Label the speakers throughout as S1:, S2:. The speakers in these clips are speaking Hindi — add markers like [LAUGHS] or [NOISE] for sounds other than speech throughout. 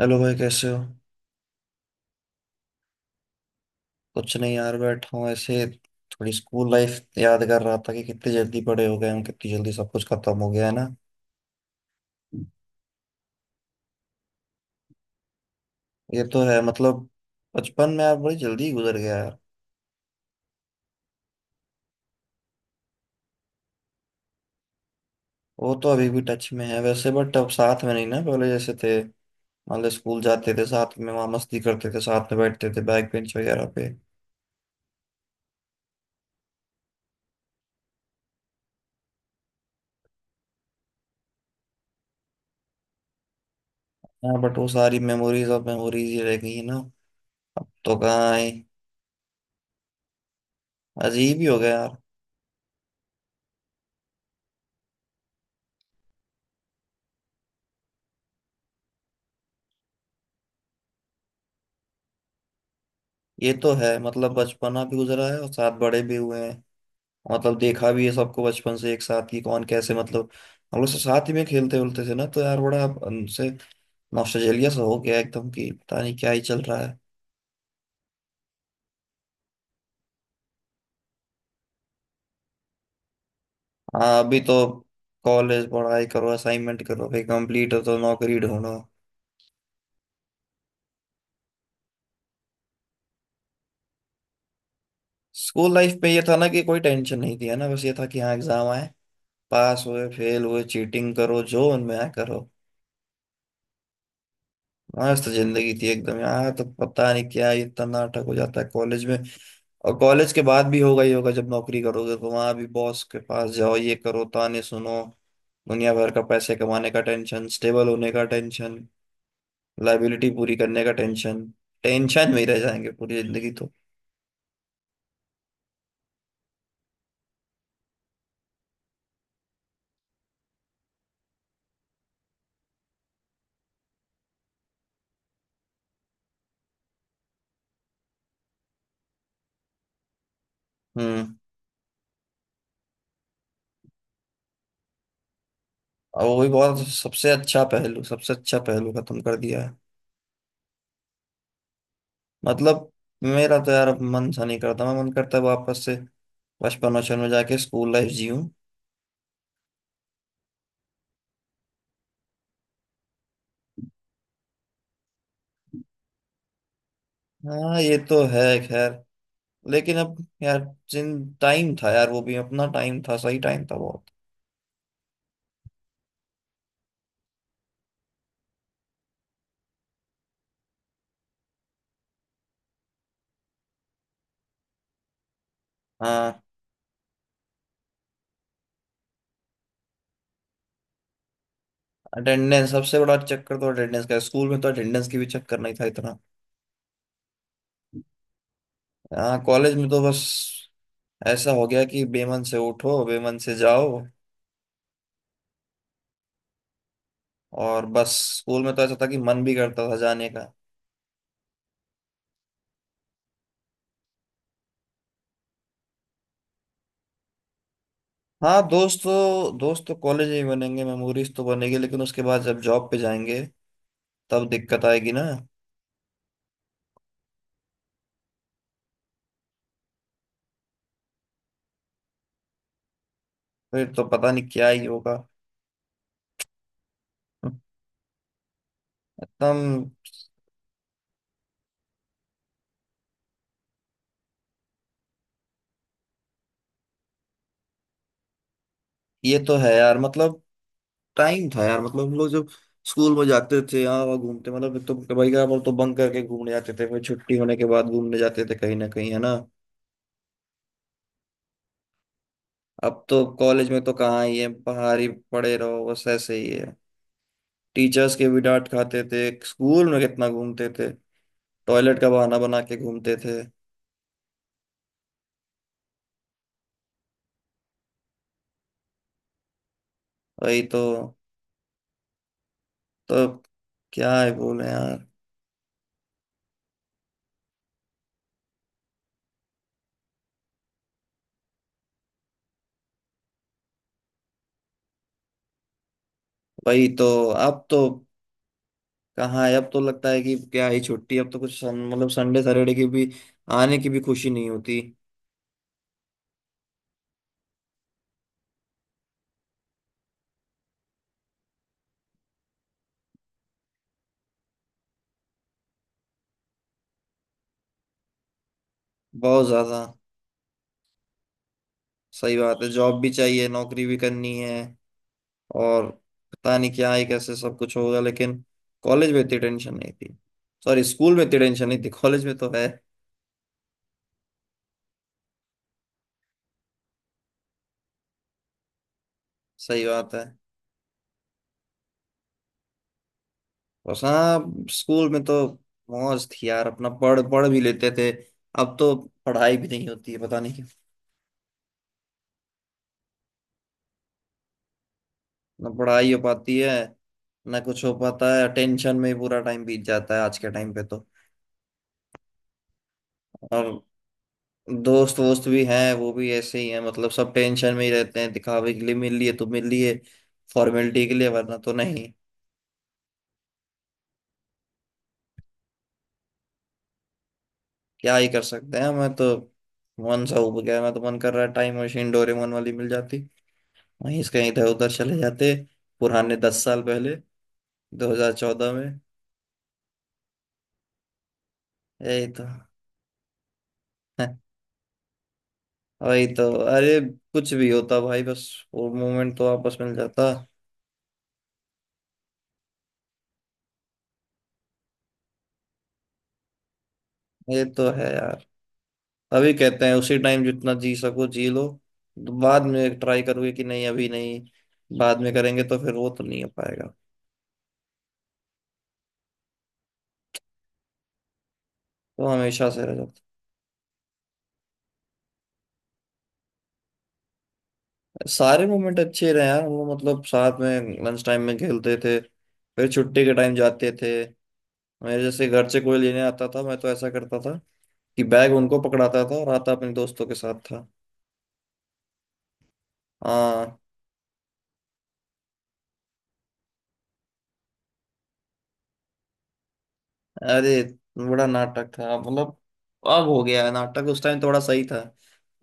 S1: हेलो भाई, कैसे हो? कुछ नहीं यार, बैठा हूँ ऐसे। थोड़ी स्कूल लाइफ याद कर रहा था कि कितनी जल्दी बड़े हो गए हम, कितनी जल्दी सब कुछ खत्म हो गया, है ना। ये तो है, मतलब बचपन में यार बड़ी जल्दी ही गुजर गया यार। वो तो अभी भी टच में है वैसे, बट अब साथ में नहीं ना, पहले जैसे थे। मान लो स्कूल जाते थे साथ में, वहाँ मस्ती करते थे, साथ में बैठते थे बैक बेंच वगैरह पे। हाँ, बट वो सारी मेमोरीज अब मेमोरीज ही रह गई है ना। अब तो कहाँ है। अजीब ही हो गया यार। ये तो है, मतलब बचपना भी गुजरा है और साथ बड़े भी हुए हैं। मतलब देखा भी है सबको बचपन से एक साथ कि कौन कैसे, मतलब हम लोग सब साथ ही में खेलते उलते थे ना, तो यार बड़ा उनसे नॉस्टैल्जिया सा हो गया एकदम, कि पता नहीं क्या ही चल रहा है। हाँ, अभी तो कॉलेज पढ़ाई करो, असाइनमेंट करो, फिर कंप्लीट हो तो नौकरी ढूंढो। स्कूल लाइफ में ये था ना कि कोई टेंशन नहीं थी, है ना, बस ये था कि हाँ, एग्जाम आए, पास हुए फेल हुए, चीटिंग करो जो उनमें आए करो। मस्त जिंदगी थी एकदम यार, तो पता नहीं क्या ये इतना नाटक हो जाता है कॉलेज में। और कॉलेज के बाद भी होगा ही होगा, जब नौकरी करोगे तो वहां भी बॉस के पास जाओ, ये करो, ताने सुनो, दुनिया भर का पैसे कमाने का टेंशन, स्टेबल होने का टेंशन, लाइबिलिटी पूरी करने का टेंशन। टेंशन में ही रह जाएंगे पूरी जिंदगी तो। हम्म। और वही बहुत सबसे अच्छा पहलू, सबसे अच्छा पहलू खत्म कर दिया है। मतलब मेरा तो यार अब मन सा नहीं करता, मैं मन करता है वापस से बचपन वचपन में जाके स्कूल लाइफ जीऊँ। हाँ, ये तो है खैर। लेकिन अब यार, जिन टाइम था यार, वो भी अपना टाइम था, सही टाइम था बहुत। हाँ, अटेंडेंस सबसे बड़ा चक्कर, तो अटेंडेंस का है। स्कूल में तो अटेंडेंस की भी चक्कर नहीं था इतना। हाँ, कॉलेज में तो बस ऐसा हो गया कि बेमन से उठो, बेमन से जाओ, और बस। स्कूल में तो ऐसा था कि मन भी करता था जाने का। हाँ, दोस्त तो कॉलेज में ही बनेंगे, मेमोरीज तो बनेगी, लेकिन उसके बाद जब जॉब पे जाएंगे तब दिक्कत आएगी ना। फिर तो पता नहीं क्या ही होगा। [LAUGHS] एकदम। ये तो है यार, मतलब टाइम था यार, मतलब हम लोग जब स्कूल में जाते थे, यहाँ वहाँ घूमते, मतलब एक तो भाई का, हम तो बंक करके घूमने जाते थे, फिर छुट्टी होने के बाद घूमने जाते थे कहीं ना कहीं, है ना। अब तो कॉलेज में तो कहाँ ही है, बाहर ही पड़े रहो बस, ऐसे ही है। टीचर्स के भी डांट खाते थे स्कूल में, कितना घूमते थे। टॉयलेट का बहाना बना के घूमते थे। वही तो क्या है बोले यार। वही तो, अब तो कहाँ है, अब तो लगता है कि क्या ही छुट्टी, अब तो कुछ मतलब संडे सैटरडे की भी आने की भी खुशी नहीं होती। बहुत ज्यादा। सही बात है, जॉब भी चाहिए, नौकरी भी करनी है। और पता नहीं क्या ही कैसे सब कुछ होगा, लेकिन कॉलेज में इतनी टेंशन नहीं थी। सॉरी, स्कूल में इतनी टेंशन नहीं थी, कॉलेज में तो है। सही बात है। और हाँ, स्कूल में तो मौज थी यार, अपना पढ़ पढ़ भी लेते थे। अब तो पढ़ाई भी नहीं होती है, पता नहीं क्यों। ना पढ़ाई हो पाती है ना कुछ हो पाता है, टेंशन में ही पूरा टाइम बीत जाता है आज के टाइम पे तो। और दोस्त वोस्त भी हैं, वो भी ऐसे ही हैं, मतलब सब टेंशन में ही रहते हैं, दिखावे के लिए मिल लिए तो मिल लिए, फॉर्मेलिटी के लिए, वरना तो नहीं। क्या ही कर सकते हैं। मैं तो मन सा उब गया, मैं तो मन कर रहा है टाइम मशीन डोरेमोन वाली मिल जाती, वहीं से कहीं इधर उधर चले जाते, पुराने 10 साल पहले, 2014 में। यही तो। [LAUGHS] वही तो, अरे कुछ भी होता भाई, बस वो मोमेंट तो वापस मिल जाता। ये तो है। अभी कहते हैं उसी टाइम जितना जी सको जी लो, तो बाद में ट्राई करोगे कि नहीं, अभी नहीं, बाद में करेंगे तो फिर वो तो नहीं हो पाएगा, तो हमेशा से रह जाता है। सारे मोमेंट अच्छे रहे यार, वो मतलब साथ में लंच टाइम में खेलते थे, फिर छुट्टी के टाइम जाते थे, मेरे जैसे घर से कोई लेने आता था, मैं तो ऐसा करता था कि बैग उनको पकड़ाता था और आता अपने दोस्तों के साथ था। हाँ। अरे बड़ा नाटक था, मतलब अब हो गया है नाटक, उस टाइम थोड़ा सही था।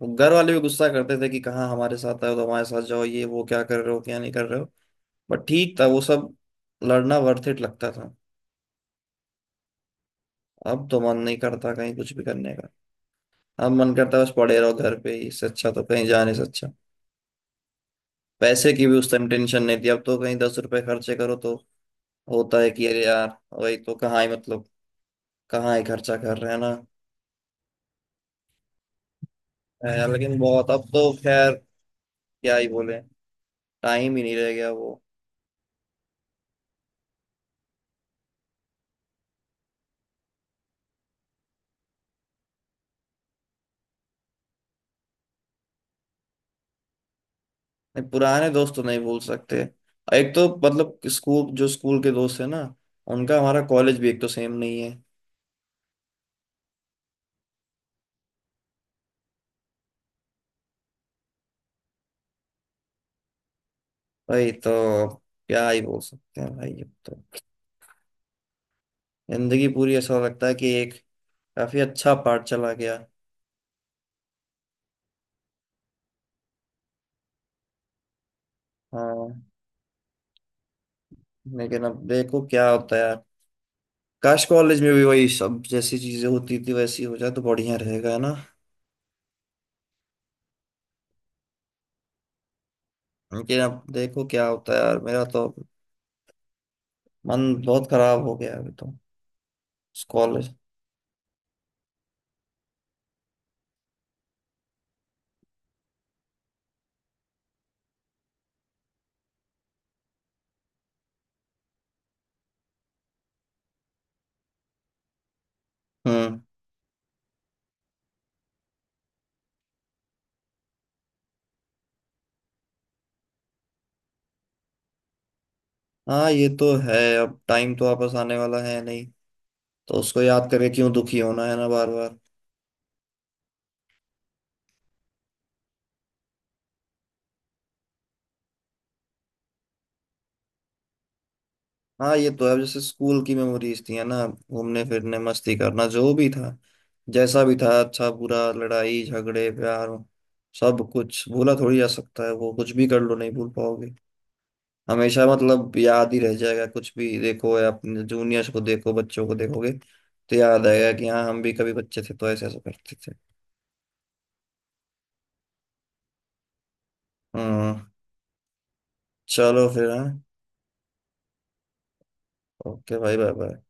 S1: घर वाले भी गुस्सा करते थे कि कहाँ हमारे साथ आए हो तो हमारे साथ जाओ, ये वो क्या कर रहे हो क्या नहीं कर रहे हो। बट ठीक था वो सब, लड़ना वर्थ इट लगता था। अब तो मन नहीं करता कहीं कुछ भी करने का, अब मन करता है बस पड़े रहो घर पे ही, इससे अच्छा तो कहीं जाने से अच्छा। पैसे की भी उस टाइम टेंशन नहीं थी, अब तो कहीं 10 रुपए खर्चे करो तो होता है कि अरे यार। वही तो, कहाँ ही, मतलब कहाँ ही खर्चा कर रहे हैं ना। [LAUGHS] है, लेकिन बहुत। अब तो खैर, क्या ही बोले, टाइम ही नहीं रह गया वो। नहीं, पुराने दोस्त तो नहीं भूल सकते। एक तो, मतलब स्कूल, जो स्कूल के दोस्त है ना, उनका हमारा कॉलेज भी एक तो सेम नहीं है। भाई तो क्या ही बोल सकते हैं भाई। अब तो जिंदगी पूरी ऐसा लगता है कि एक काफी अच्छा पार्ट चला गया। हाँ, लेकिन अब देखो क्या होता है यार। काश कॉलेज में भी वही सब जैसी चीजें होती थी वैसी हो जाए तो बढ़िया रहेगा, है ना। लेकिन अब देखो क्या होता है यार, मेरा तो मन बहुत खराब हो गया है अभी तो कॉलेज। हम्म। हाँ, ये तो है, अब टाइम तो वापस आने वाला है नहीं, तो उसको याद करके क्यों दुखी होना, है ना, बार बार। हाँ, ये तो है, अब जैसे स्कूल की मेमोरीज थी है ना, घूमने फिरने मस्ती करना, जो भी था जैसा भी था, अच्छा बुरा लड़ाई झगड़े प्यार, सब कुछ भूला थोड़ी जा सकता है वो, कुछ भी कर लो नहीं भूल पाओगे। हमेशा मतलब याद ही रह जाएगा, कुछ भी देखो, या अपने जूनियर्स को देखो, बच्चों को देखोगे तो याद आएगा कि हाँ, हम भी कभी बच्चे थे तो ऐसे ऐसे करते थे। हम्म। चलो फिर, हाँ, ओके भाई बाय बाय।